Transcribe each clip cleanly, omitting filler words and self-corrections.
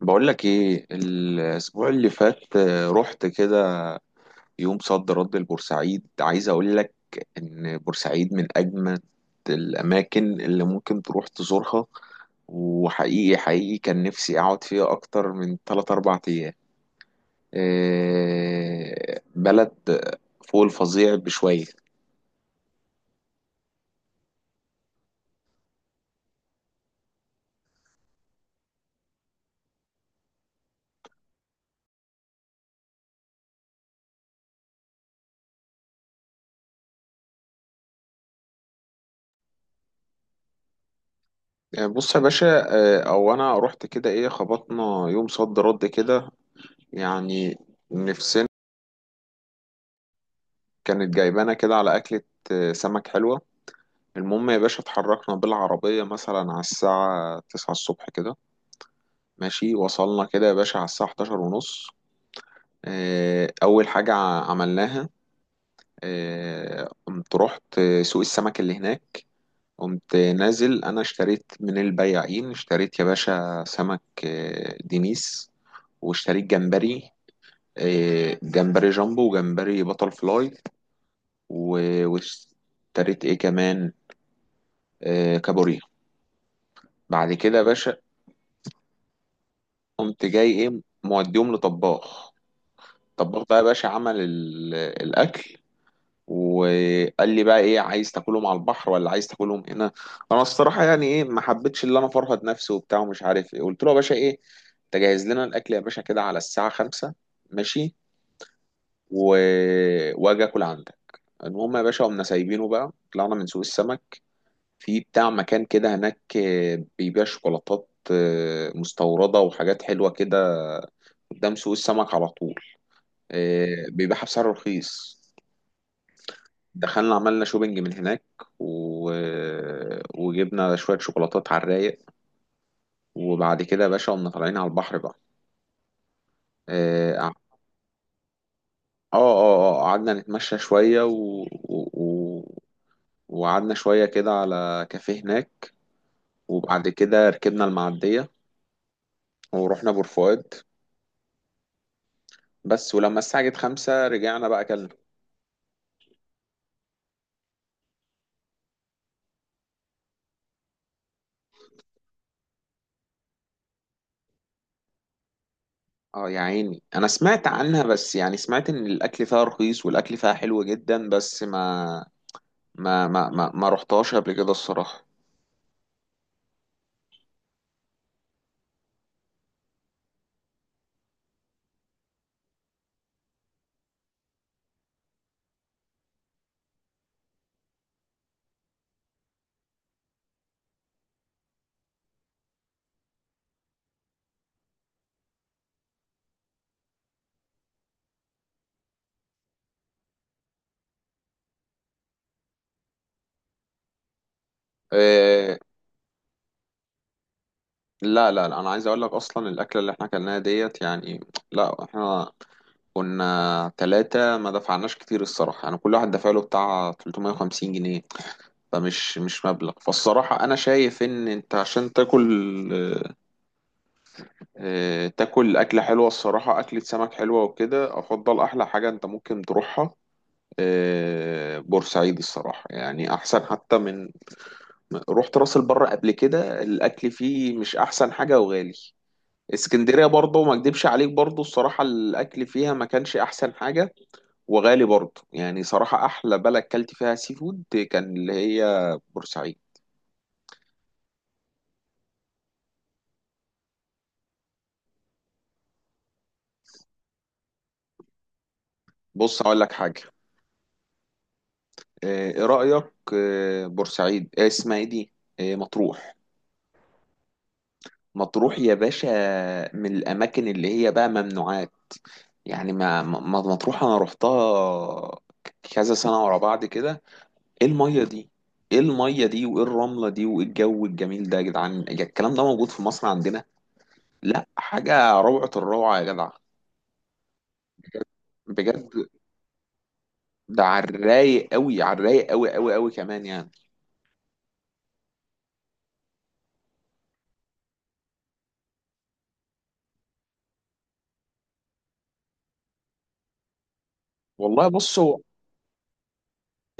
بقول لك ايه الاسبوع اللي فات، رحت كده يوم صد رد لبورسعيد. عايز اقول لك ان بورسعيد من اجمد الاماكن اللي ممكن تروح تزورها، وحقيقي حقيقي كان نفسي اقعد فيها اكتر من 3 4 ايام. بلد فوق الفظيع بشوية. بص يا باشا، او انا رحت كده، ايه، خبطنا يوم صد رد كده يعني. نفسنا كانت جايبانا كده على اكلة سمك حلوة. المهم يا باشا، اتحركنا بالعربية مثلا على الساعة تسعة الصبح كده. ماشي، وصلنا كده يا باشا على الساعة حداشر ونص. اه، أول حاجة عملناها، اه، قمت رحت سوق السمك اللي هناك. قمت نازل، أنا اشتريت من البياعين، اشتريت يا باشا سمك، دينيس، واشتريت جمبري، اه، جمبري جامبو وجمبري بطل فلاي. واشتريت ايه كمان، اه، كابوريا. بعد كده يا باشا، قمت جاي ايه موديهم لطباخ. الطباخ بقى يا باشا عمل الاكل، وقال لي بقى: ايه، عايز تاكلهم على البحر ولا عايز تاكلهم هنا؟ انا الصراحه يعني ايه، ما حبيتش اللي انا فرهد نفسي وبتاع ومش عارف ايه، قلت له يا باشا: ايه، تجهز لنا الاكل يا باشا كده على الساعه خمسة. ماشي. و... واجي اكل عندك. المهم يا باشا، قمنا سايبينه بقى، طلعنا من سوق السمك. في بتاع مكان كده هناك بيبيع شوكولاتات مستورده وحاجات حلوه كده، قدام سوق السمك على طول. بيبيعها بسعر رخيص. دخلنا، عملنا شوبينج من هناك، و... وجبنا شوية شوكولاتات على الرايق. وبعد كده يا باشا قمنا طالعين على البحر بقى. اه اه قعدنا نتمشى شوية، وقعدنا شوية كده على كافيه هناك. وبعد كده ركبنا المعدية ورحنا بور فؤاد. بس ولما الساعة جت خمسة رجعنا بقى أكلنا. اه يا عيني، أنا سمعت عنها، بس يعني سمعت إن الأكل فيها رخيص والأكل فيها حلو جدا، بس ما رحتهاش قبل كده الصراحة. إيه. لا لا لا، انا عايز اقول لك، اصلا الاكله اللي احنا اكلناها ديت يعني، لا احنا كنا ثلاثة، ما دفعناش كتير الصراحة يعني. كل واحد دفع له بتاع 350 جنيه، فمش مش مبلغ. فالصراحة انا شايف ان انت عشان تاكل، إيه، تاكل اكلة حلوة الصراحة، اكلة سمك حلوة وكده، افضل احلى حاجة انت ممكن تروحها، إيه، بورسعيد الصراحة يعني، احسن حتى من، رحت راس البر قبل كده الاكل فيه مش احسن حاجه وغالي. اسكندريه برضه، ما اكدبش عليك برضه الصراحه، الاكل فيها ما كانش احسن حاجه وغالي برضه يعني. صراحه احلى بلد كلت فيها سي فود كان اللي هي بورسعيد. بص اقول لك حاجه، ايه رايك، بورسعيد، اسمها ايه دي، مطروح. مطروح يا باشا من الاماكن اللي هي بقى ممنوعات يعني. مطروح انا رحتها كذا سنه ورا بعض كده. ايه الميه دي، ايه الميه دي وايه الرمله دي وايه الجو الجميل ده يا جدعان! يا الكلام ده موجود في مصر عندنا؟ لا، حاجه روعه الروعه يا جدع، بجد. ده على الرايق قوي، على الرايق قوي قوي قوي كمان يعني. والله بصوا،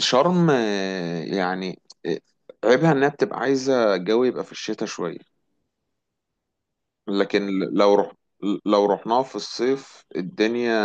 شرم، عيبها انها بتبقى عايزه الجو يبقى في الشتاء شويه. لكن لو رحت، لو رحناها في الصيف، الدنيا،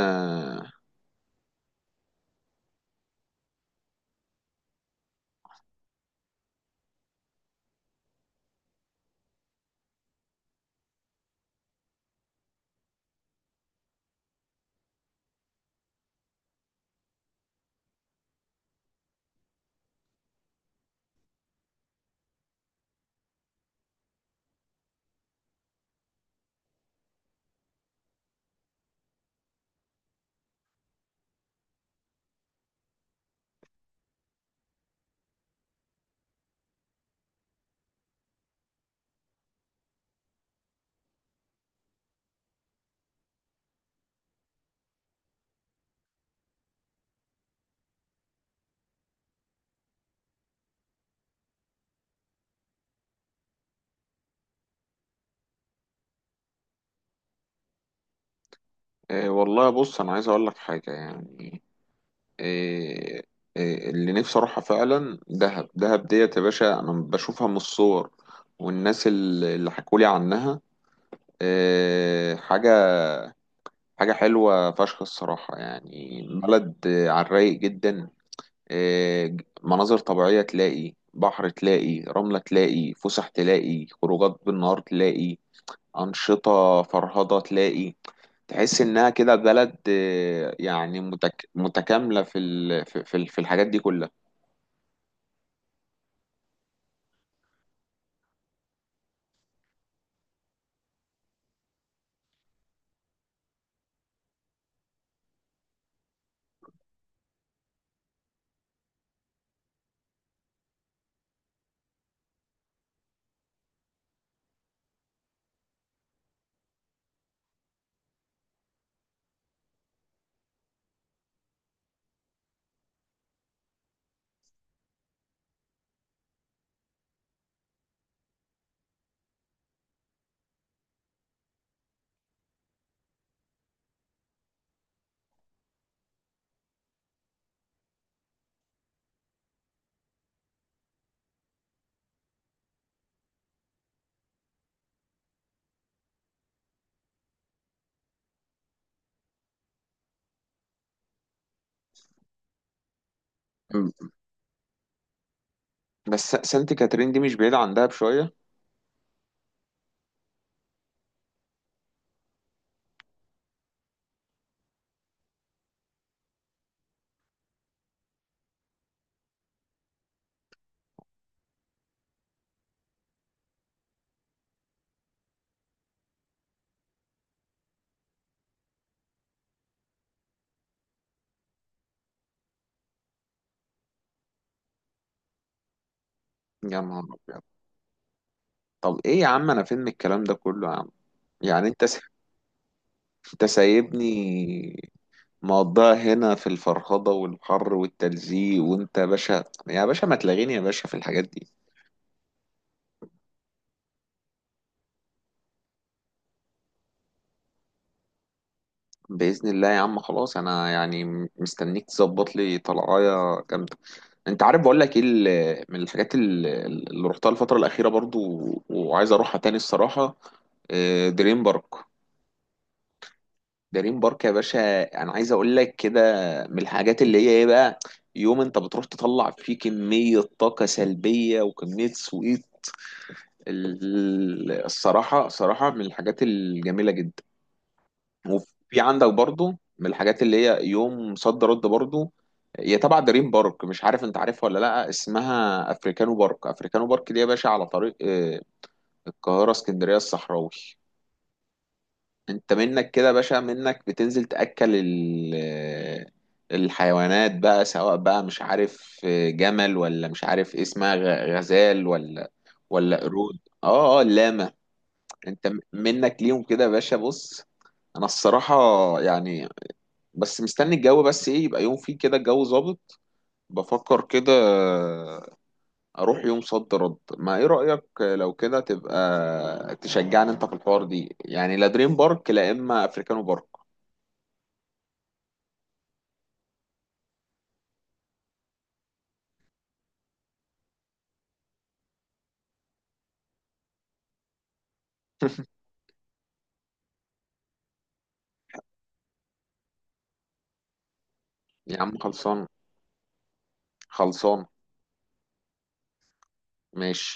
والله بص انا عايز اقول لك حاجه يعني. إيه، إيه اللي نفسي اروحها فعلا؟ دهب. دهب ديت يا باشا انا بشوفها من الصور والناس اللي حكولي عنها، إيه، حاجة حلوة فشخ الصراحة يعني. بلد على الرايق جدا، إيه، مناظر طبيعية، تلاقي بحر، تلاقي رملة، تلاقي فسح، تلاقي خروجات بالنهار، تلاقي أنشطة فرهضة، تلاقي، تحس إنها كده بلد يعني متكاملة في في الحاجات دي كلها. بس سانت كاترين دي مش بعيدة عندها بشوية. يا نهار أبيض! طب إيه يا عم، أنا فين من الكلام ده كله يا عم؟ يعني أنت سايبني مقضيها هنا في الفرهضة والحر والتلزيق، وأنت يا باشا، يا باشا ما تلاغيني يا باشا في الحاجات دي. بإذن الله يا عم، خلاص، أنا يعني مستنيك تظبط لي طلعاية جامدة. أنت عارف بقول لك إيه، من الحاجات اللي رحتها الفترة الأخيرة برضو وعايز أروحها تاني الصراحة، دريم بارك. دريم بارك يا باشا انا عايز اقول لك كده، من الحاجات اللي هي ايه بقى، يوم انت بتروح تطلع فيه كمية طاقة سلبية وكمية سويت. الصراحة صراحة من الحاجات الجميلة جدا. وفي عندك برضو من الحاجات اللي هي يوم صد رد برضو، هي تبع دريم بارك، مش عارف انت عارفها ولا لا، اسمها افريكانو بارك. افريكانو بارك دي يا باشا على طريق القاهرة اسكندرية الصحراوي. انت منك كده يا باشا، منك بتنزل تأكل الحيوانات بقى، سواء بقى مش عارف جمل، ولا مش عارف إيه اسمها، غزال، ولا ولا قرود، اللاما. انت منك ليهم كده يا باشا، بص. انا الصراحة يعني بس مستني الجو، بس ايه، يبقى يوم فيه كده الجو ظابط، بفكر كده اروح يوم صد رد. ما ايه رأيك، لو كده تبقى تشجعني انت في الحوار دي يعني، لا دريم بارك لا اما افريكانو بارك. يا عم خلصان، خلصان، ماشي.